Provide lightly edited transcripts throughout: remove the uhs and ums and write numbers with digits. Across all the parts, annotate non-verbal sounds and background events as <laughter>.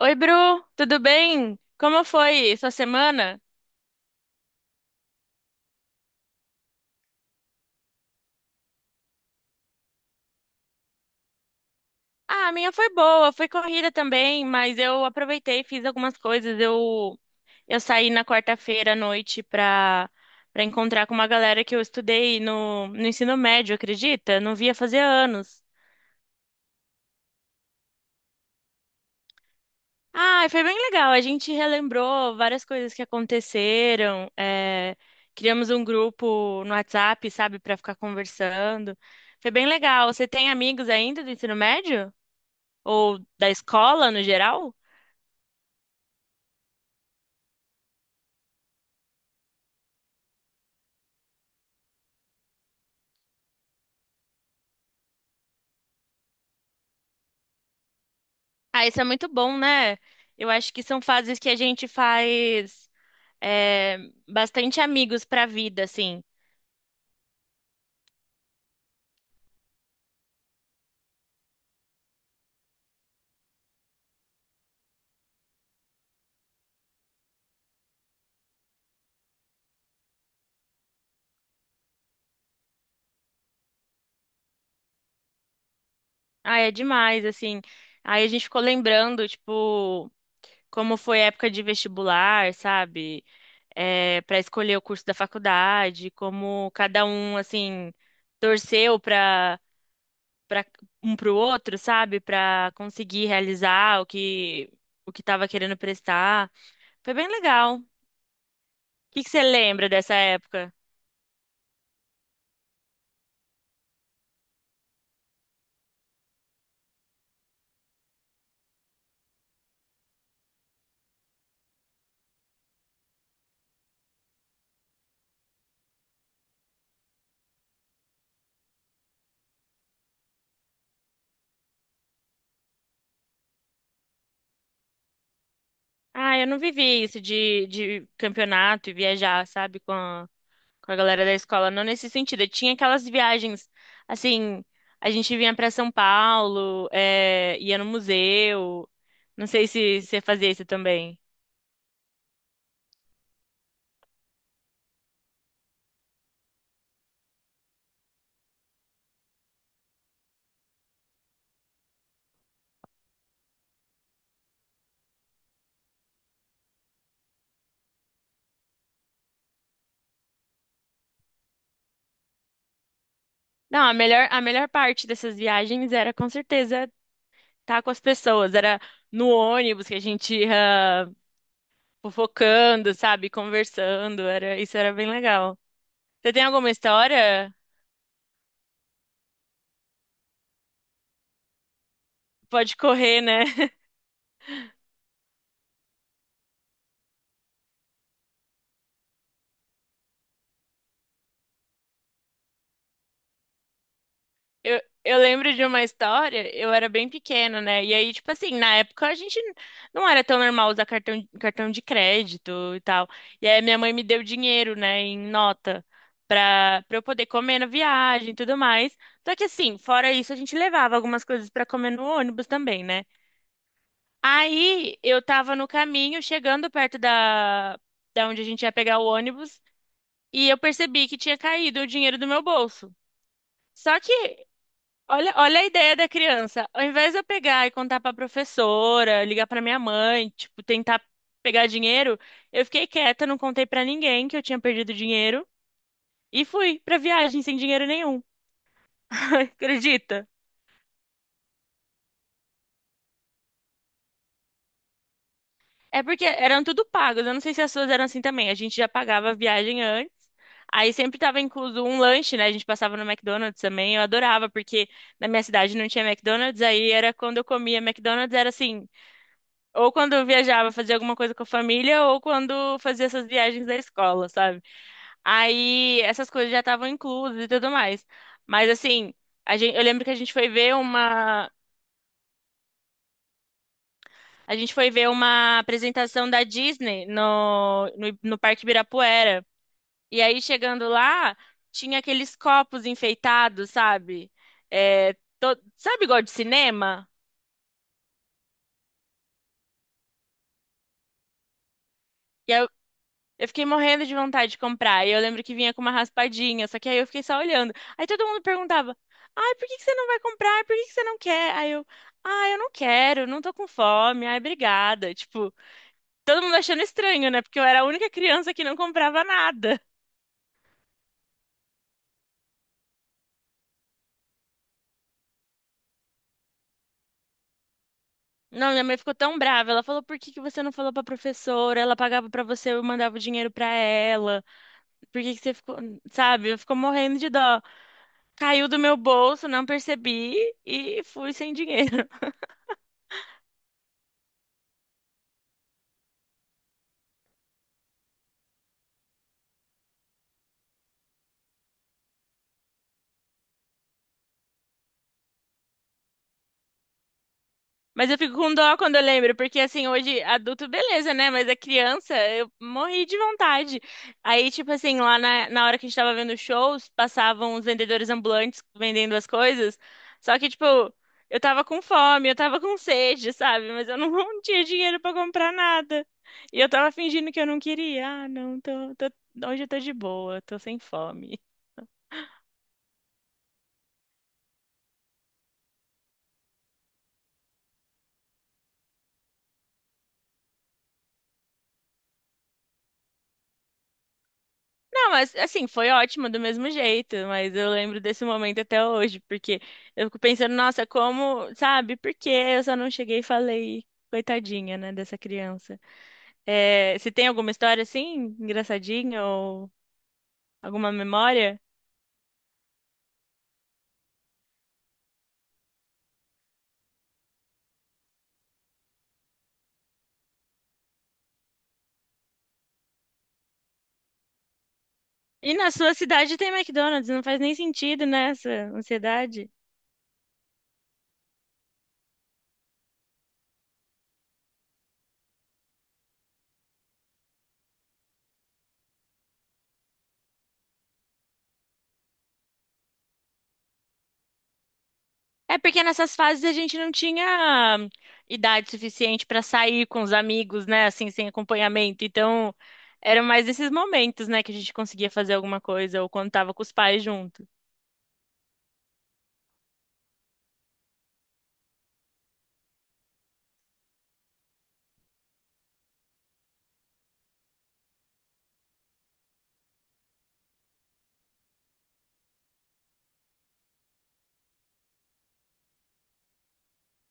Oi, Bru, tudo bem? Como foi sua semana? Ah, a minha foi boa, foi corrida também, mas eu aproveitei, e fiz algumas coisas. Eu saí na quarta-feira à noite pra encontrar com uma galera que eu estudei no ensino médio, acredita? Não via fazer anos. Ah, foi bem legal. A gente relembrou várias coisas que aconteceram. Criamos um grupo no WhatsApp, sabe, pra ficar conversando. Foi bem legal. Você tem amigos ainda do ensino médio? Ou da escola no geral. Ah, isso é muito bom, né? Eu acho que são fases que a gente faz é, bastante amigos pra vida, assim. Ah, é demais, assim. Aí a gente ficou lembrando, tipo, como foi a época de vestibular, sabe? É, para escolher o curso da faculdade, como cada um, assim, torceu para um para o outro, sabe? Para conseguir realizar o que estava querendo prestar. Foi bem legal. Que você lembra dessa época? Ah, eu não vivi isso de campeonato e viajar, sabe, com a galera da escola. Não nesse sentido. Eu tinha aquelas viagens, assim, a gente vinha pra São Paulo, é, ia no museu. Não sei se você fazia isso também. Não, a melhor parte dessas viagens era com certeza estar com as pessoas. Era no ônibus que a gente ia fofocando, sabe, conversando. Era, isso era bem legal. Você tem alguma história? Pode correr, né? Eu lembro de uma história, eu era bem pequena, né? E aí, tipo assim, na época a gente não era tão normal usar cartão, cartão de crédito e tal. E aí minha mãe me deu dinheiro, né, em nota, pra eu poder comer na viagem e tudo mais. Só que assim, fora isso, a gente levava algumas coisas pra comer no ônibus também, né? Aí eu tava no caminho, chegando perto da onde a gente ia pegar o ônibus, e eu percebi que tinha caído o dinheiro do meu bolso. Só que Olha, olha a ideia da criança. Ao invés de eu pegar e contar pra professora, ligar pra minha mãe, tipo, tentar pegar dinheiro, eu fiquei quieta, não contei pra ninguém que eu tinha perdido dinheiro e fui pra viagem sem dinheiro nenhum. <laughs> Acredita? É porque eram tudo pagos. Eu não sei se as suas eram assim também. A gente já pagava a viagem antes. Aí sempre tava incluso um lanche, né? A gente passava no McDonald's também. Eu adorava, porque na minha cidade não tinha McDonald's. Aí era quando eu comia McDonald's, era assim. Ou quando eu viajava, fazia alguma coisa com a família, ou quando fazia essas viagens da escola, sabe? Aí essas coisas já estavam inclusas e tudo mais. Mas assim, a gente, eu lembro que a gente foi ver uma apresentação da Disney no Parque Ibirapuera. E aí chegando lá, tinha aqueles copos enfeitados, sabe? É, sabe igual de cinema? E aí eu fiquei morrendo de vontade de comprar. E eu lembro que vinha com uma raspadinha, só que aí eu fiquei só olhando. Aí todo mundo perguntava: Ai, por que que você não vai comprar? Por que que você não quer? Aí eu: Ai, eu não quero, não tô com fome. Ai, obrigada. Tipo, todo mundo achando estranho, né? Porque eu era a única criança que não comprava nada. Não, minha mãe ficou tão brava. Ela falou: Por que que você não falou pra professora? Ela pagava pra você, eu mandava o dinheiro pra ela. Por que que você ficou, sabe? Eu fico morrendo de dó. Caiu do meu bolso, não percebi e fui sem dinheiro. Mas eu fico com dó quando eu lembro, porque assim, hoje adulto, beleza, né? Mas a criança, eu morri de vontade. Aí, tipo assim, lá na hora que a gente tava vendo shows, passavam os vendedores ambulantes vendendo as coisas. Só que, tipo, eu tava com fome, eu tava com sede, sabe? Mas eu não, <laughs> não tinha dinheiro pra comprar nada. E eu tava fingindo que eu não queria. Ah, não, hoje eu tô de boa, tô sem fome. Ah, mas assim, foi ótimo do mesmo jeito, mas eu lembro desse momento até hoje, porque eu fico pensando, nossa, como, sabe, por que eu só não cheguei e falei, coitadinha, né, dessa criança. É, você tem alguma história assim, engraçadinha, ou alguma memória? E na sua cidade tem McDonald's, não faz nem sentido, né, essa ansiedade. É porque nessas fases a gente não tinha idade suficiente para sair com os amigos, né? Assim, sem acompanhamento. Então, eram mais esses momentos, né, que a gente conseguia fazer alguma coisa ou quando tava com os pais junto.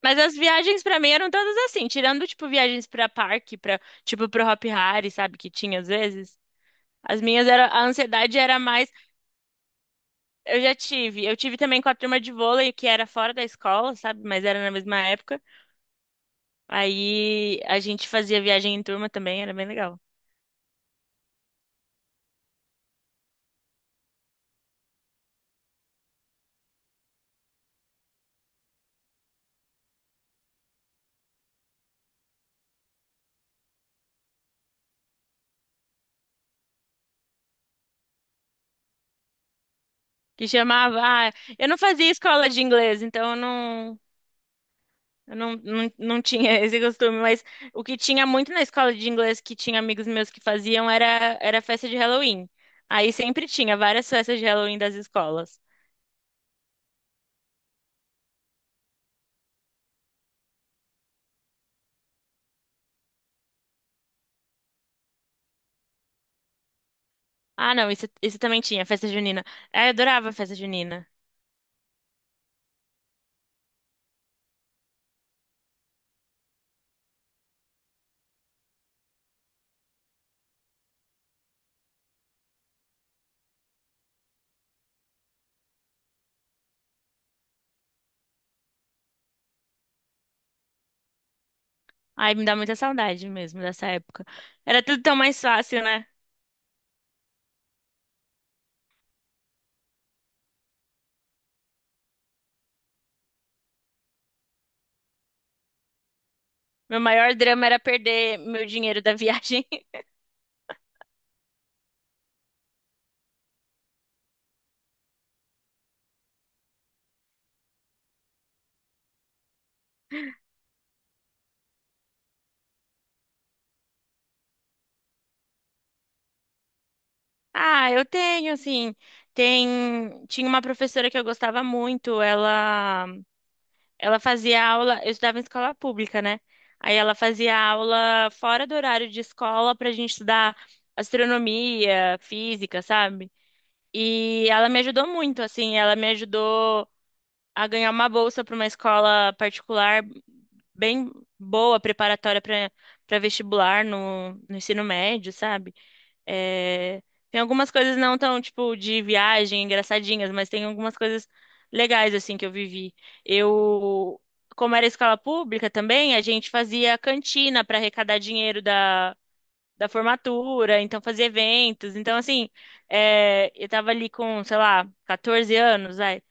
Mas as viagens pra mim eram todas assim, tirando tipo viagens pra parque, para tipo pro Hop Hari, sabe, que tinha às vezes. As minhas era a ansiedade era mais, eu já tive. Eu tive também com a turma de vôlei que era fora da escola, sabe, mas era na mesma época. Aí a gente fazia viagem em turma também, era bem legal. Que chamava. Ah, eu não fazia escola de inglês, então eu não, eu não tinha <laughs> esse costume. Mas o que tinha muito na escola de inglês, que tinha amigos meus que faziam, era festa de Halloween. Aí sempre tinha várias festas de Halloween das escolas. Ah, não, isso também tinha, festa junina. Ah, eu adorava festa junina. Ai, me dá muita saudade mesmo dessa época. Era tudo tão mais fácil, né? Meu maior drama era perder meu dinheiro da <laughs> viagem. Ah, eu tenho, assim, tem, tinha uma professora que eu gostava muito, ela fazia aula, eu estudava em escola pública, né? Aí ela fazia aula fora do horário de escola pra gente estudar astronomia, física, sabe? E ela me ajudou muito, assim, ela me ajudou a ganhar uma bolsa para uma escola particular bem boa, preparatória para vestibular no ensino médio, sabe? É, tem algumas coisas não tão, tipo, de viagem, engraçadinhas, mas tem algumas coisas legais, assim, que eu vivi. Eu, como era escola pública também, a gente fazia cantina para arrecadar dinheiro da formatura, então fazia eventos. Então, assim, é, eu tava ali com, sei lá, 14 anos, vai,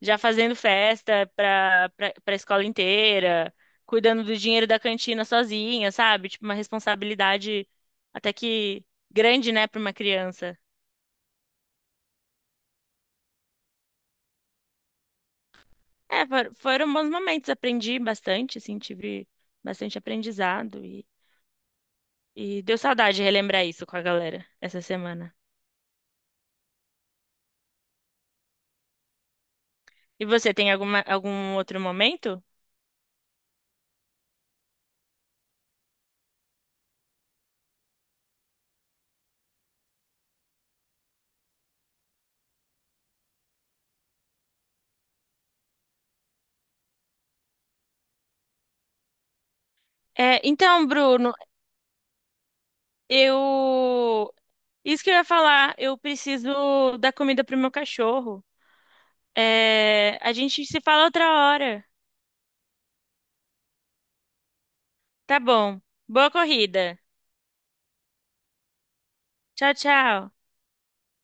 já fazendo festa pra escola inteira, cuidando do dinheiro da cantina sozinha, sabe? Tipo, uma responsabilidade até que grande, né, pra uma criança. É, foram bons momentos, aprendi bastante, assim, tive bastante aprendizado e deu saudade relembrar isso com a galera essa semana. E você tem alguma, algum outro momento? É, então, Bruno, eu. Isso que eu ia falar, eu preciso dar comida pro meu cachorro. É, a gente se fala outra hora. Tá bom. Boa corrida. Tchau, tchau.